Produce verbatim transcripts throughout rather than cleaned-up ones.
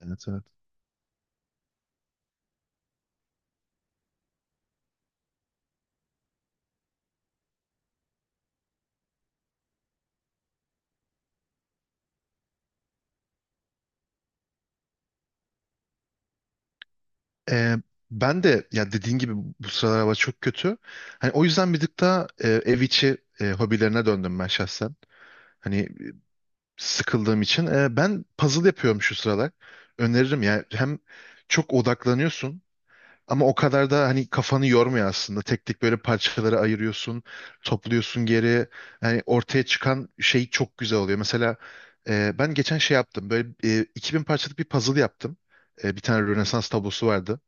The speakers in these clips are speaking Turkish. Evet, evet. Ee, Ben de, ya, dediğin gibi bu sıralar hava çok kötü. Hani o yüzden bir tık daha e, ev içi e, hobilerine döndüm ben şahsen. Hani sıkıldığım için. E, ben puzzle yapıyorum şu sıralar. Öneririm ya. Hem çok odaklanıyorsun ama o kadar da hani kafanı yormuyor aslında. Tek tek böyle parçalara ayırıyorsun, topluyorsun geri. Hani ortaya çıkan şey çok güzel oluyor. Mesela e, ben geçen şey yaptım. Böyle e, iki bin parçalık bir puzzle yaptım. E, bir tane Rönesans tablosu vardı.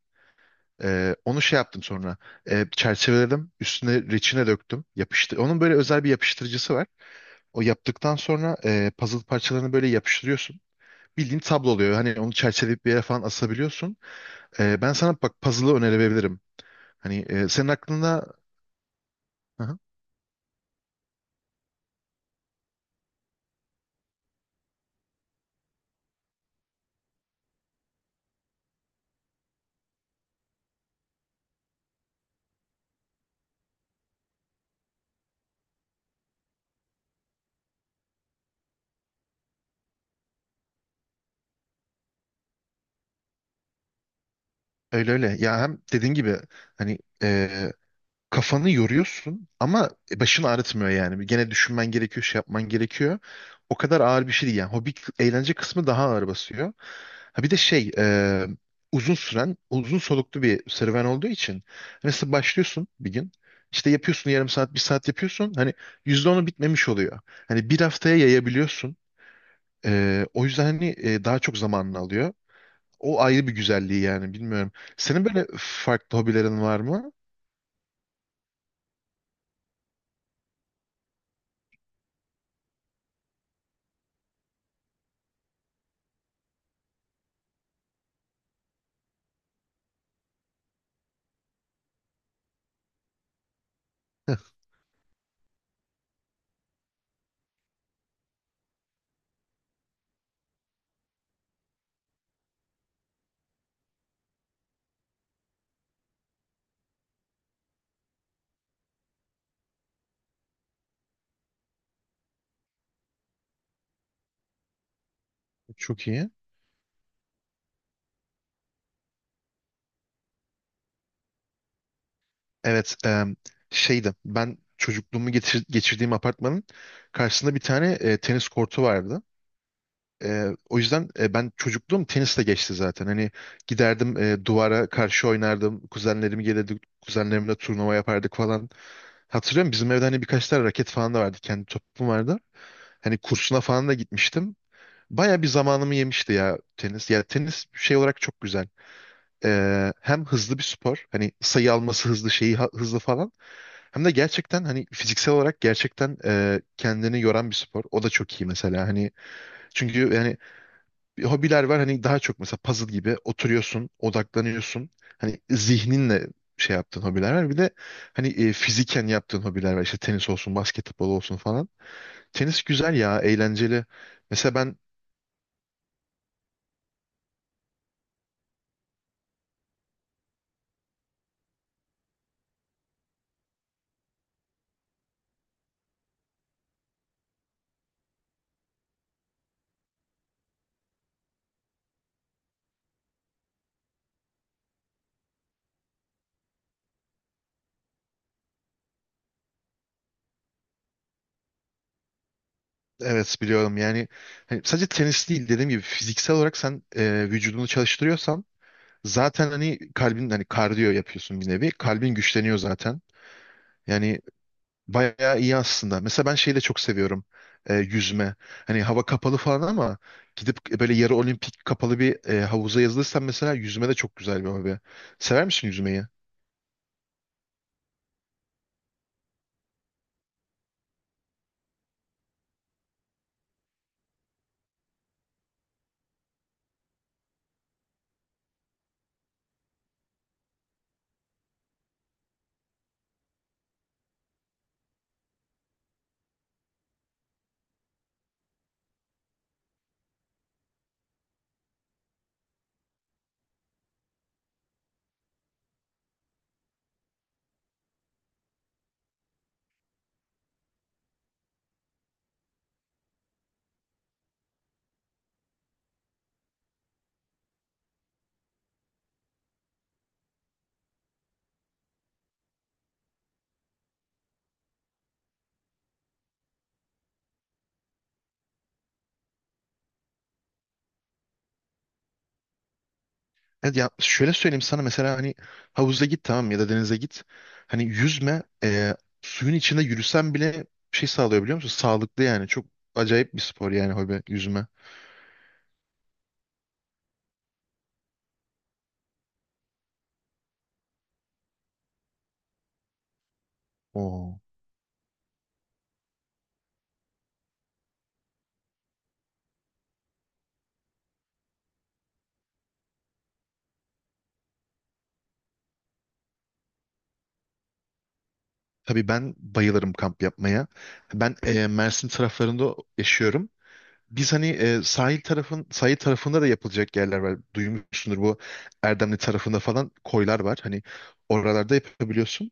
Ee, onu şey yaptım sonra. Ee, çerçeveledim. Üstüne reçine döktüm. Yapıştı. Onun böyle özel bir yapıştırıcısı var. O yaptıktan sonra e, puzzle parçalarını böyle yapıştırıyorsun. Bildiğin tablo oluyor. Hani onu çerçeveleyip bir yere falan asabiliyorsun. Ee, ben sana bak puzzle'ı önerebilirim. Hani e, senin aklında. Hı hı. Öyle öyle. Ya hem dediğin gibi hani kafanı yoruyorsun ama başını ağrıtmıyor yani. Bir gene düşünmen gerekiyor, şey yapman gerekiyor. O kadar ağır bir şey değil yani. Hobi kı- eğlence kısmı daha ağır basıyor. Ha bir de şey e, uzun süren, uzun soluklu bir serüven olduğu için mesela başlıyorsun bir gün. İşte yapıyorsun yarım saat, bir saat yapıyorsun. Hani yüzde onu bitmemiş oluyor. Hani bir haftaya yayabiliyorsun. E, o yüzden hani e, daha çok zamanını alıyor. O ayrı bir güzelliği yani bilmiyorum. Senin böyle farklı hobilerin var mı? Çok iyi. Evet, em, şeydi. Ben çocukluğumu geçir- geçirdiğim apartmanın karşısında bir tane e, tenis kortu vardı. Ee, o yüzden e, ben çocukluğum tenisle geçti zaten. Hani giderdim e, duvara karşı oynardım. Kuzenlerim gelirdi. Kuzenlerimle turnuva yapardık falan. Hatırlıyorum bizim evde hani birkaç tane raket falan da vardı. Kendi topum vardı. Hani kursuna falan da gitmiştim. Baya bir zamanımı yemişti ya tenis. Ya tenis şey olarak çok güzel. Ee, hem hızlı bir spor. Hani sayı alması hızlı şeyi ha- hızlı falan. Hem de gerçekten hani fiziksel olarak gerçekten e, kendini yoran bir spor. O da çok iyi mesela. Hani çünkü yani bir hobiler var hani daha çok mesela puzzle gibi oturuyorsun, odaklanıyorsun. Hani zihninle şey yaptığın hobiler var. Bir de hani e, fiziken yaptığın hobiler var. İşte tenis olsun, basketbol olsun falan. Tenis güzel ya, eğlenceli. Mesela ben evet biliyorum yani hani sadece tenis değil dediğim gibi fiziksel olarak sen e, vücudunu çalıştırıyorsan zaten hani kalbin hani kardiyo yapıyorsun bir nevi. Kalbin güçleniyor zaten. Yani bayağı iyi aslında. Mesela ben şeyi de çok seviyorum. E, yüzme. Hani hava kapalı falan ama gidip e, böyle yarı olimpik kapalı bir e, havuza yazılırsan mesela yüzme de çok güzel bir hobi. Sever misin yüzmeyi? Evet ya şöyle söyleyeyim sana mesela hani havuza git tamam mı? Ya da denize git. Hani yüzme e, suyun içinde yürüsen bile şey sağlıyor biliyor musun? Sağlıklı yani. Çok acayip bir spor yani hobi yüzme. Oo. Tabii ben bayılırım kamp yapmaya. Ben e, Mersin taraflarında yaşıyorum. Biz hani e, sahil tarafın sahil tarafında da yapılacak yerler var. Duymuşsundur bu Erdemli tarafında falan koylar var. Hani oralarda yapabiliyorsun.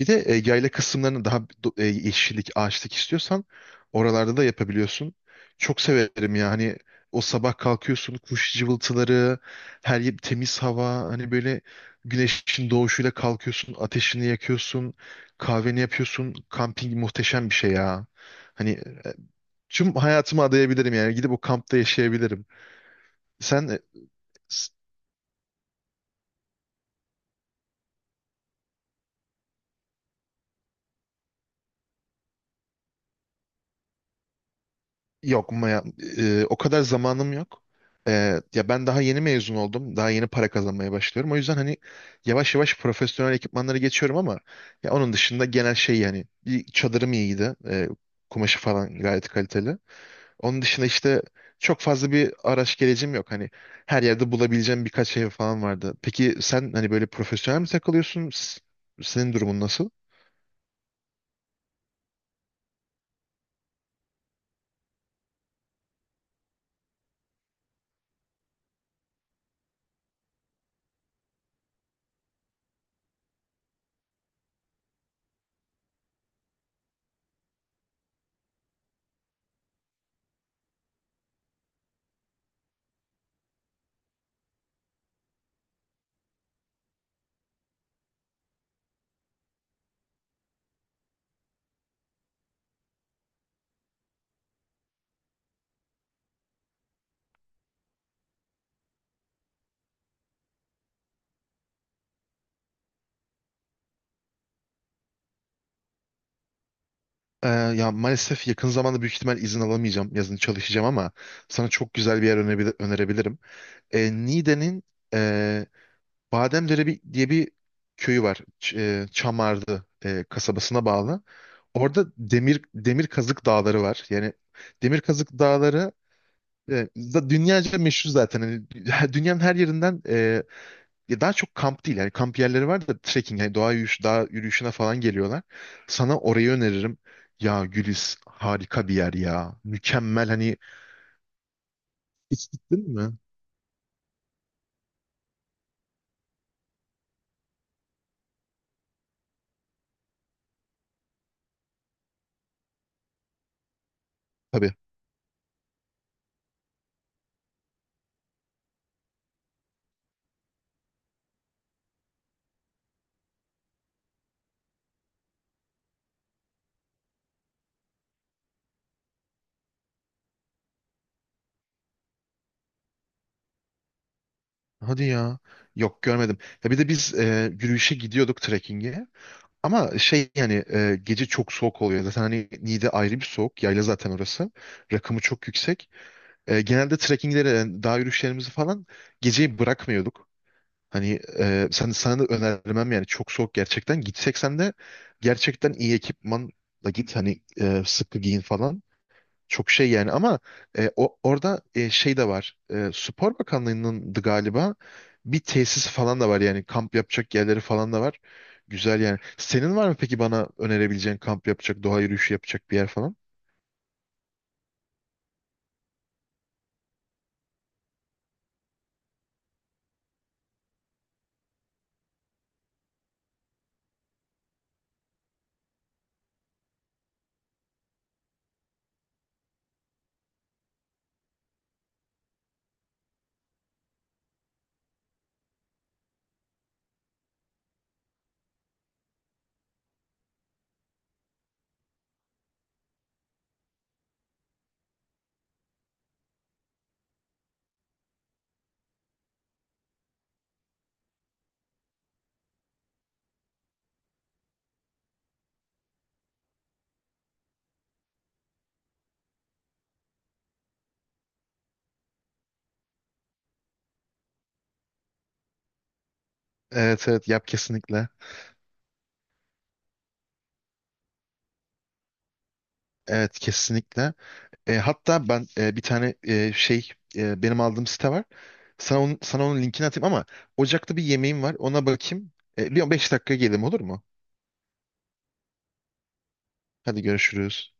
Bir de e, yayla kısımlarını daha do- e, yeşillik, ağaçlık istiyorsan oralarda da yapabiliyorsun. Çok severim ya. Hani o sabah kalkıyorsun kuş cıvıltıları, her yer temiz hava, hani böyle güneşin doğuşuyla kalkıyorsun, ateşini yakıyorsun, kahveni yapıyorsun. Kamping muhteşem bir şey ya. Hani tüm hayatımı adayabilirim yani gidip o kampta yaşayabilirim. Sen e, s- Yok ma- ya, e, o kadar zamanım yok. E, Ya ben daha yeni mezun oldum. Daha yeni para kazanmaya başlıyorum. O yüzden hani yavaş yavaş profesyonel ekipmanları geçiyorum ama ya onun dışında genel şey yani bir çadırım iyiydi. E, kumaşı falan gayet kaliteli. Onun dışında işte çok fazla bir araç gerecim yok. Hani her yerde bulabileceğim birkaç ev falan vardı. Peki sen hani böyle profesyonel mi takılıyorsun? S- Senin durumun nasıl? Ee, ya maalesef yakın zamanda büyük ihtimal izin alamayacağım. Yazın çalışacağım ama sana çok güzel bir yer önerebil- önerebilirim. Ee, Niğde'nin Bademdere bir, diye bir köyü var. Ç- e, Çamarlı e, kasabasına bağlı. Orada demir demir kazık dağları var. Yani demir kazık dağları e, da- dünyaca meşhur zaten. Hani dü- dünyanın her yerinden e, ya daha çok kamp değil. Yani kamp yerleri var da trekking, yani doğa yürüyüş, dağ yürüyüşüne falan geliyorlar. Sana orayı öneririm. Ya Gülis harika bir yer ya. Mükemmel hani hiç gittin mi? Tabii. Hadi ya. Yok görmedim. Ya bir de biz e, yürüyüşe gidiyorduk trekkinge. Ama şey yani e, gece çok soğuk oluyor. Zaten hani Niğde ayrı bir soğuk. Yayla zaten orası. Rakımı çok yüksek. E, genelde trekkinglere, yani dağ yürüyüşlerimizi falan geceyi bırakmıyorduk. Hani e, sen, sana da önermem yani çok soğuk gerçekten. Gitsek sen de gerçekten iyi ekipmanla git. Hani e, sıkı giyin falan. Çok şey yani ama e, o, orada e, şey de var. E, Spor Bakanlığı'nın galiba bir tesis falan da var yani kamp yapacak yerleri falan da var. Güzel yani. Senin var mı peki bana önerebileceğin kamp yapacak, doğa yürüyüşü yapacak bir yer falan? Evet, evet yap kesinlikle. Evet kesinlikle. E, hatta ben e, bir tane e, şey e, benim aldığım site var. Sana onun, sana onun linkini atayım ama ocakta bir yemeğim var. Ona bakayım. E, beş dakika gelelim olur mu? Hadi görüşürüz.